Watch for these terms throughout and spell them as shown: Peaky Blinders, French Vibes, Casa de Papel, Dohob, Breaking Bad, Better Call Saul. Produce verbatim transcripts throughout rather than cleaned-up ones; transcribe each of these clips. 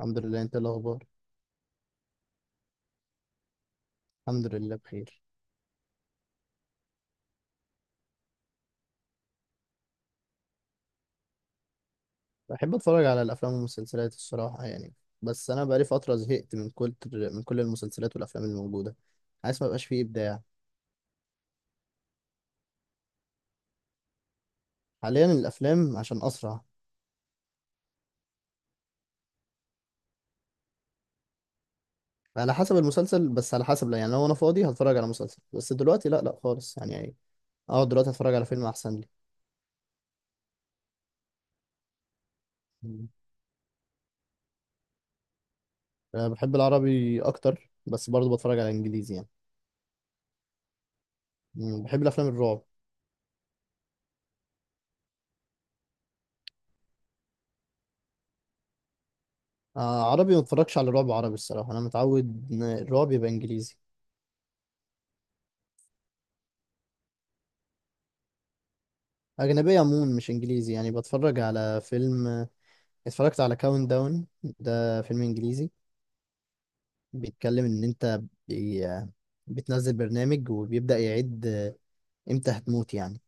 الحمد لله، انت إيه الاخبار؟ الحمد لله بخير. بحب اتفرج على الافلام والمسلسلات الصراحه يعني. بس انا بقالي فتره زهقت من كل من كل المسلسلات والافلام الموجوده، حاسس ما بقاش فيه ابداع. حاليا الافلام عشان اسرع. على حسب المسلسل، بس على حسب، لا يعني، لو انا فاضي هتفرج على مسلسل، بس دلوقتي لا لا خالص يعني يعني اقعد دلوقتي اتفرج على فيلم احسن لي. مم. أه، بحب العربي اكتر، بس برضه بتفرج على انجليزي يعني. مم، بحب الافلام الرعب. آه، عربي ما بتفرجش على رعب عربي الصراحه، انا متعود ان الرعب يبقى انجليزي. أجنبية عموما مش إنجليزي يعني، بتفرج على فيلم. اتفرجت على كاونت داون، ده فيلم إنجليزي، بيتكلم إن أنت بي... بتنزل برنامج وبيبدأ يعد إمتى هتموت يعني.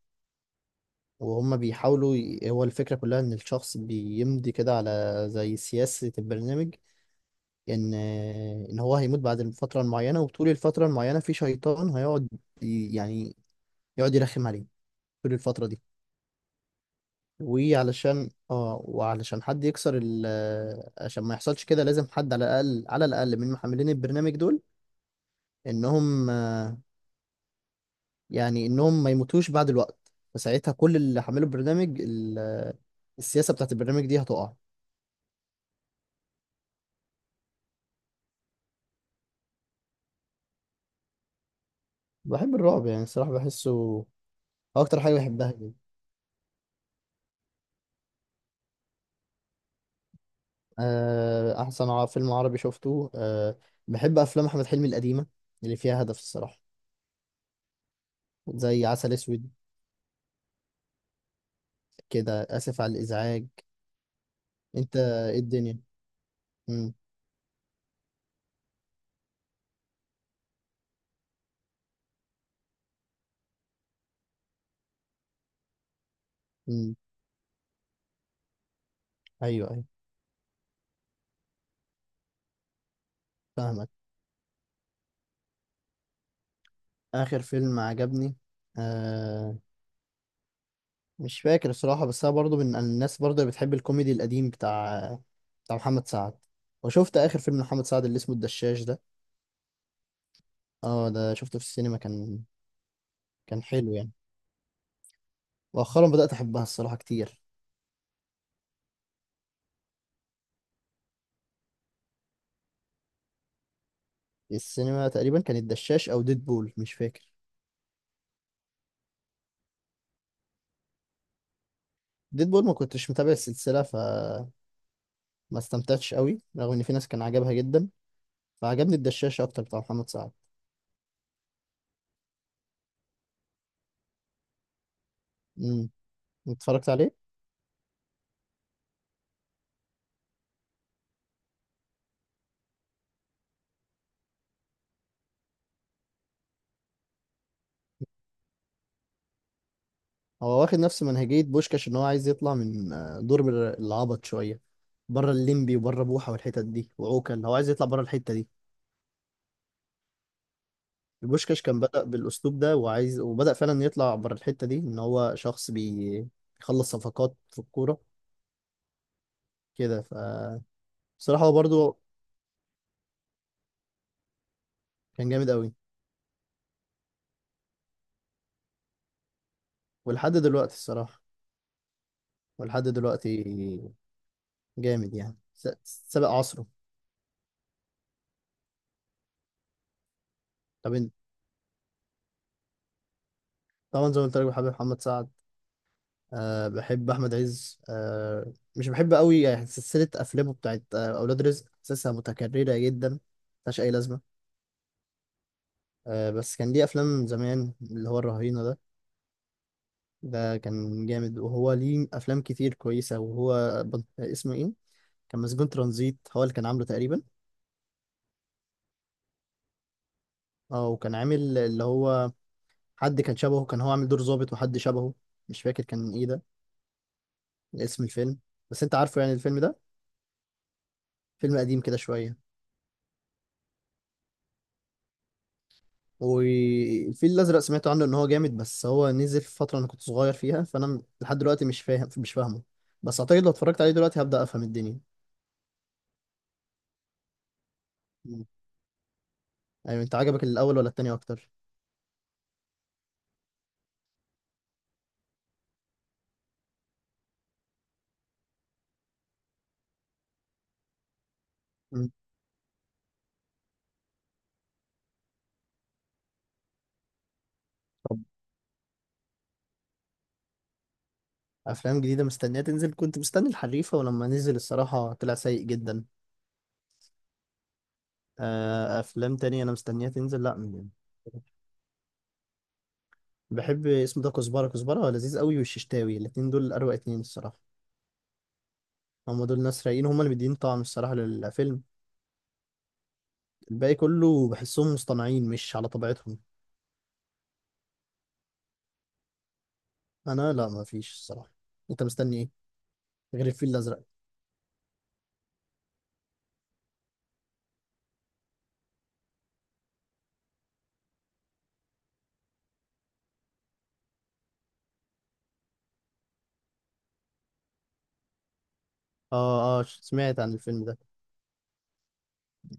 وهم بيحاولوا. ي... هو الفكرة كلها إن الشخص بيمضي كده على زي سياسة البرنامج، إن إن هو هيموت بعد الفترة المعينة، وطول الفترة المعينة في شيطان هيقعد ي- يعني يقعد يرخم عليه طول الفترة دي. وعلشان اه وعلشان حد يكسر ال عشان ما يحصلش كده لازم حد على الاقل على الاقل من محملين البرنامج دول، انهم آه، يعني انهم ما يموتوش بعد الوقت، فساعتها كل اللي حملوا البرنامج ال- السياسة بتاعت البرنامج دي هتقع. بحب الرعب يعني الصراحة بحسه هو اكتر حاجة بحبها جدا. آه، احسن ع- فيلم عربي شفته أه بحب افلام احمد حلمي القديمة اللي فيها هدف الصراحة، زي عسل اسود كده، اسف على الازعاج. انت إيه الدنيا؟ مم. مم. ايوه، ايوه. فاهمك. اخر فيلم عجبني. آه مش فاكر الصراحه، بس انا برضو من الناس برضو اللي بتحب الكوميدي القديم، بتاع بتاع محمد سعد. وشفت اخر فيلم محمد سعد اللي اسمه الدشاش ده. اه، ده شفته في السينما كان كان حلو يعني. مؤخرا بدات احبها الصراحه كتير. السينما تقريبا كان الدشاش او ديدبول، مش فاكر. ديدبول ما كنتش متابع السلسله، فما استمتعتش قوي، رغم ان في ناس كان عجبها جدا. فعجبني الدشاش اكتر، بتاع محمد سعد. امم. اتفرجت عليه. هو واخد نفس منهجية بوشكاش، ان هو عايز يطلع من آه، دور بر- العبط شوية، بره الليمبي وبره بوحة والحتت دي وعوكل، اللي هو عايز يطلع بره الحتة دي. بوشكاش كان بدأ بالأسلوب ده، وعايز وبدأ فعلا يطلع بره الحتة دي، ان هو شخص بي- بيخلص صفقات في الكورة كده. ف بصراحة هو برضه كان جامد قوي. ولحد دلوقتي الصراحة، ولحد دلوقتي جامد يعني، س- سابق عصره. طب إن- طبعا زي ما قلت لك بحب محمد سعد. أه، بحب احمد عز. أه مش بحب قوي يعني، سلسله افلامه بتاعت آه، اولاد رزق، حاسسها متكرره جدا، ملهاش اي لازمه. أه، بس كان ليه افلام زمان اللي هو الرهينه ده، ده كان جامد. وهو ليه افلام كتير كويسه، وهو بن- اسمه ايه، كان مسجون ترانزيت هو اللي كان عامله تقريبا. اه، وكان عامل اللي هو، حد كان شبهه، كان هو عامل دور ظابط وحد شبهه، مش فاكر كان ايه ده، اسم الفيلم. بس انت عارفه يعني الفيلم ده، فيلم قديم كده شويه. والفيل الازرق سمعت عنه ان هو جامد، بس هو نزل في فتره انا كنت صغير فيها، فانا م- لحد دلوقتي مش فاهم، مش فاهمه. بس اعتقد لو اتفرجت عليه دلوقتي هبدا افهم الدنيا. مم. ايوه، انت عجبك الاول ولا التاني اكتر؟ مم. طب، افلام جديده مستنيه تنزل، كنت مستني الحريفه، ولما نزل الصراحه طلع سيء جدا. آه، افلام تانية انا مستنيها تنزل، لا م- بحب اسمه ده كزبره، كزبره لذيذ قوي، والششتاوي، الاتنين دول اروع اتنين الصراحه. هم دول ناس رايقين، هم اللي مدين طعم الصراحه للفيلم. الباقي كله بحسهم مصطنعين مش على طبيعتهم. انا لا، ما فيش الصراحه. انت مستني ايه، غير الفيل الازرق؟ اه، اه، ش- سمعت عن الفيلم ده.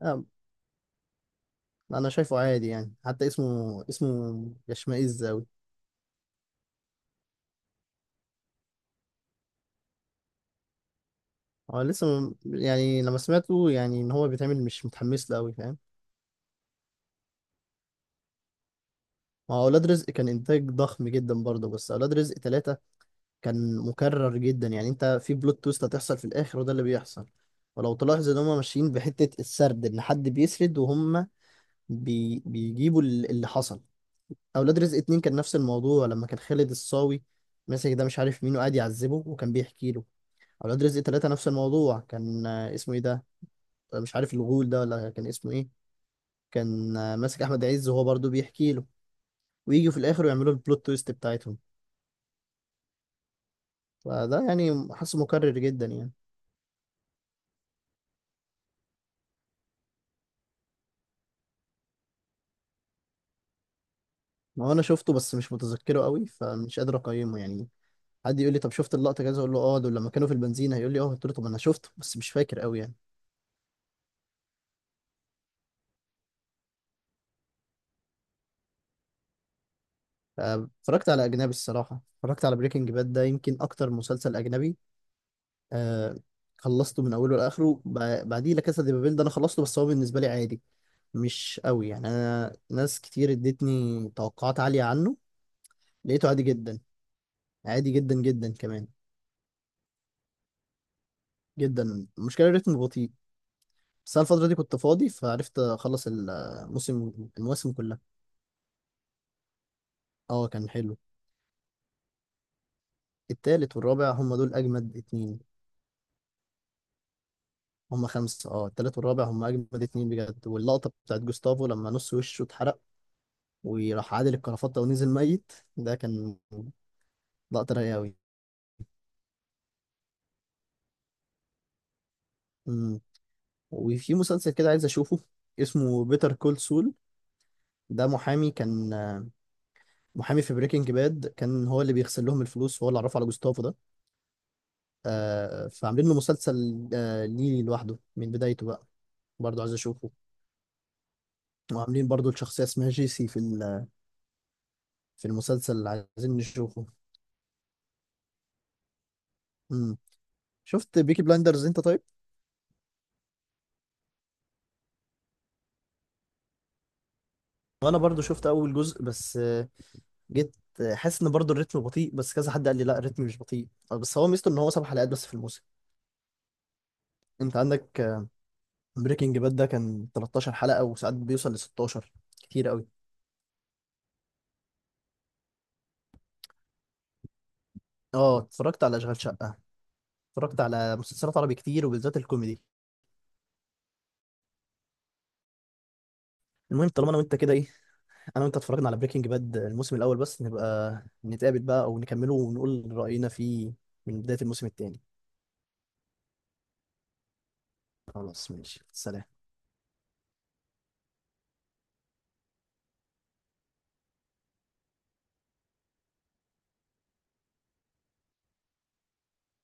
آه انا شايفه عادي يعني، حتى اسمه اسمه يشمئز قوي. هو لسه م- يعني لما سمعته يعني ان هو بيتعمل مش متحمس له قوي، فاهم. ما هو اولاد رزق كان انتاج ضخم جدا برضه، بس اولاد رزق ثلاثة كان مكرر جدا يعني، انت في بلوت تويست هتحصل في الاخر وده اللي بيحصل. ولو تلاحظ ان هم ماشيين بحتة السرد، ان حد بيسرد وهم بي بيجيبوا ال- اللي حصل. اولاد رزق اتنين كان نفس الموضوع، لما كان خالد الصاوي ماسك ده مش عارف مين وقاعد يعذبه، وكان بيحكي له. اولاد رزق تلاتة نفس الموضوع، كان آه، اسمه ايه ده، مش عارف الغول ده ولا كان اسمه ايه، كان آه، ماسك احمد عز، وهو برضو بيحكي له، ويجي في الاخر ويعملوا البلوت تويست بتاعتهم. فده يعني حاسه مكرر جدا يعني. ما هو انا شفته بس مش متذكره قوي، فمش قادر اقيمه يعني. حد يقول لي طب شفت اللقطه كذا، اقول له اه دول لما كانوا في البنزينه، هيقول لي اه، قلت له طب انا شفته بس مش فاكر قوي يعني. آه، اتفرجت على أجنبي الصراحة، اتفرجت على بريكنج باد، ده يمكن أكتر مسلسل أجنبي. آه، خلصته من أوله لآخره، ب- بعديه لا كاسا دي بابيل ده أنا خلصته، بس هو بالنسبة لي عادي، مش قوي يعني، أنا ناس كتير ادتني توقعات عالية عنه، لقيته عادي جدا، عادي جدا جدا كمان جدا. المشكلة الريتم بطيء، بس أنا الفترة دي كنت فاضي فعرفت أخلص الموسم، المواسم كلها. اه، كان حلو. التالت والرابع هم دول أجمد اتنين. هم خمسة، اه، التالت والرابع هم أجمد اتنين بجد، واللقطة بتاعت جوستافو لما نص وشه اتحرق وراح عادل الكرافتة ونزل ميت، ده كان لقطة رايقة أوي. أمم. وفي مسلسل كده عايز أشوفه، اسمه بيتر كول سول، ده محامي، كان محامي في بريكنج باد، كان هو اللي بيغسل لهم الفلوس وهو اللي عرفه على جوستافو ده. آه، فعاملين له مسلسل، آه ليه لوحده من بدايته بقى، برضه عايز أشوفه. وعاملين برضه الشخصية اسمها جيسي في ال- في المسلسل اللي عايزين نشوفه. أمم. شفت بيكي بلايندرز انت طيب؟ وانا برضو شفت اول جزء، بس آه، جيت آه، حاسس ان برضو الريتم بطيء، بس كذا حد قال لي لا، الريتم مش بطيء، آه، بس هو ميزته ان هو سبع حلقات بس في الموسم. انت عندك بريكنج باد ده كان تلاتاشر حلقة، وساعات بيوصل ل ستاشر، كتير قوي. اه، اتفرجت على اشغال شقة، اتفرجت على مسلسلات عربي كتير، وبالذات الكوميدي. المهم، طالما انا وانت كده ايه، انا وانت اتفرجنا على بريكنج باد الموسم الاول بس، نبقى نتقابل بقى او نكمله ونقول رأينا فيه من بداية الموسم التاني. خلاص ماشي، سلام.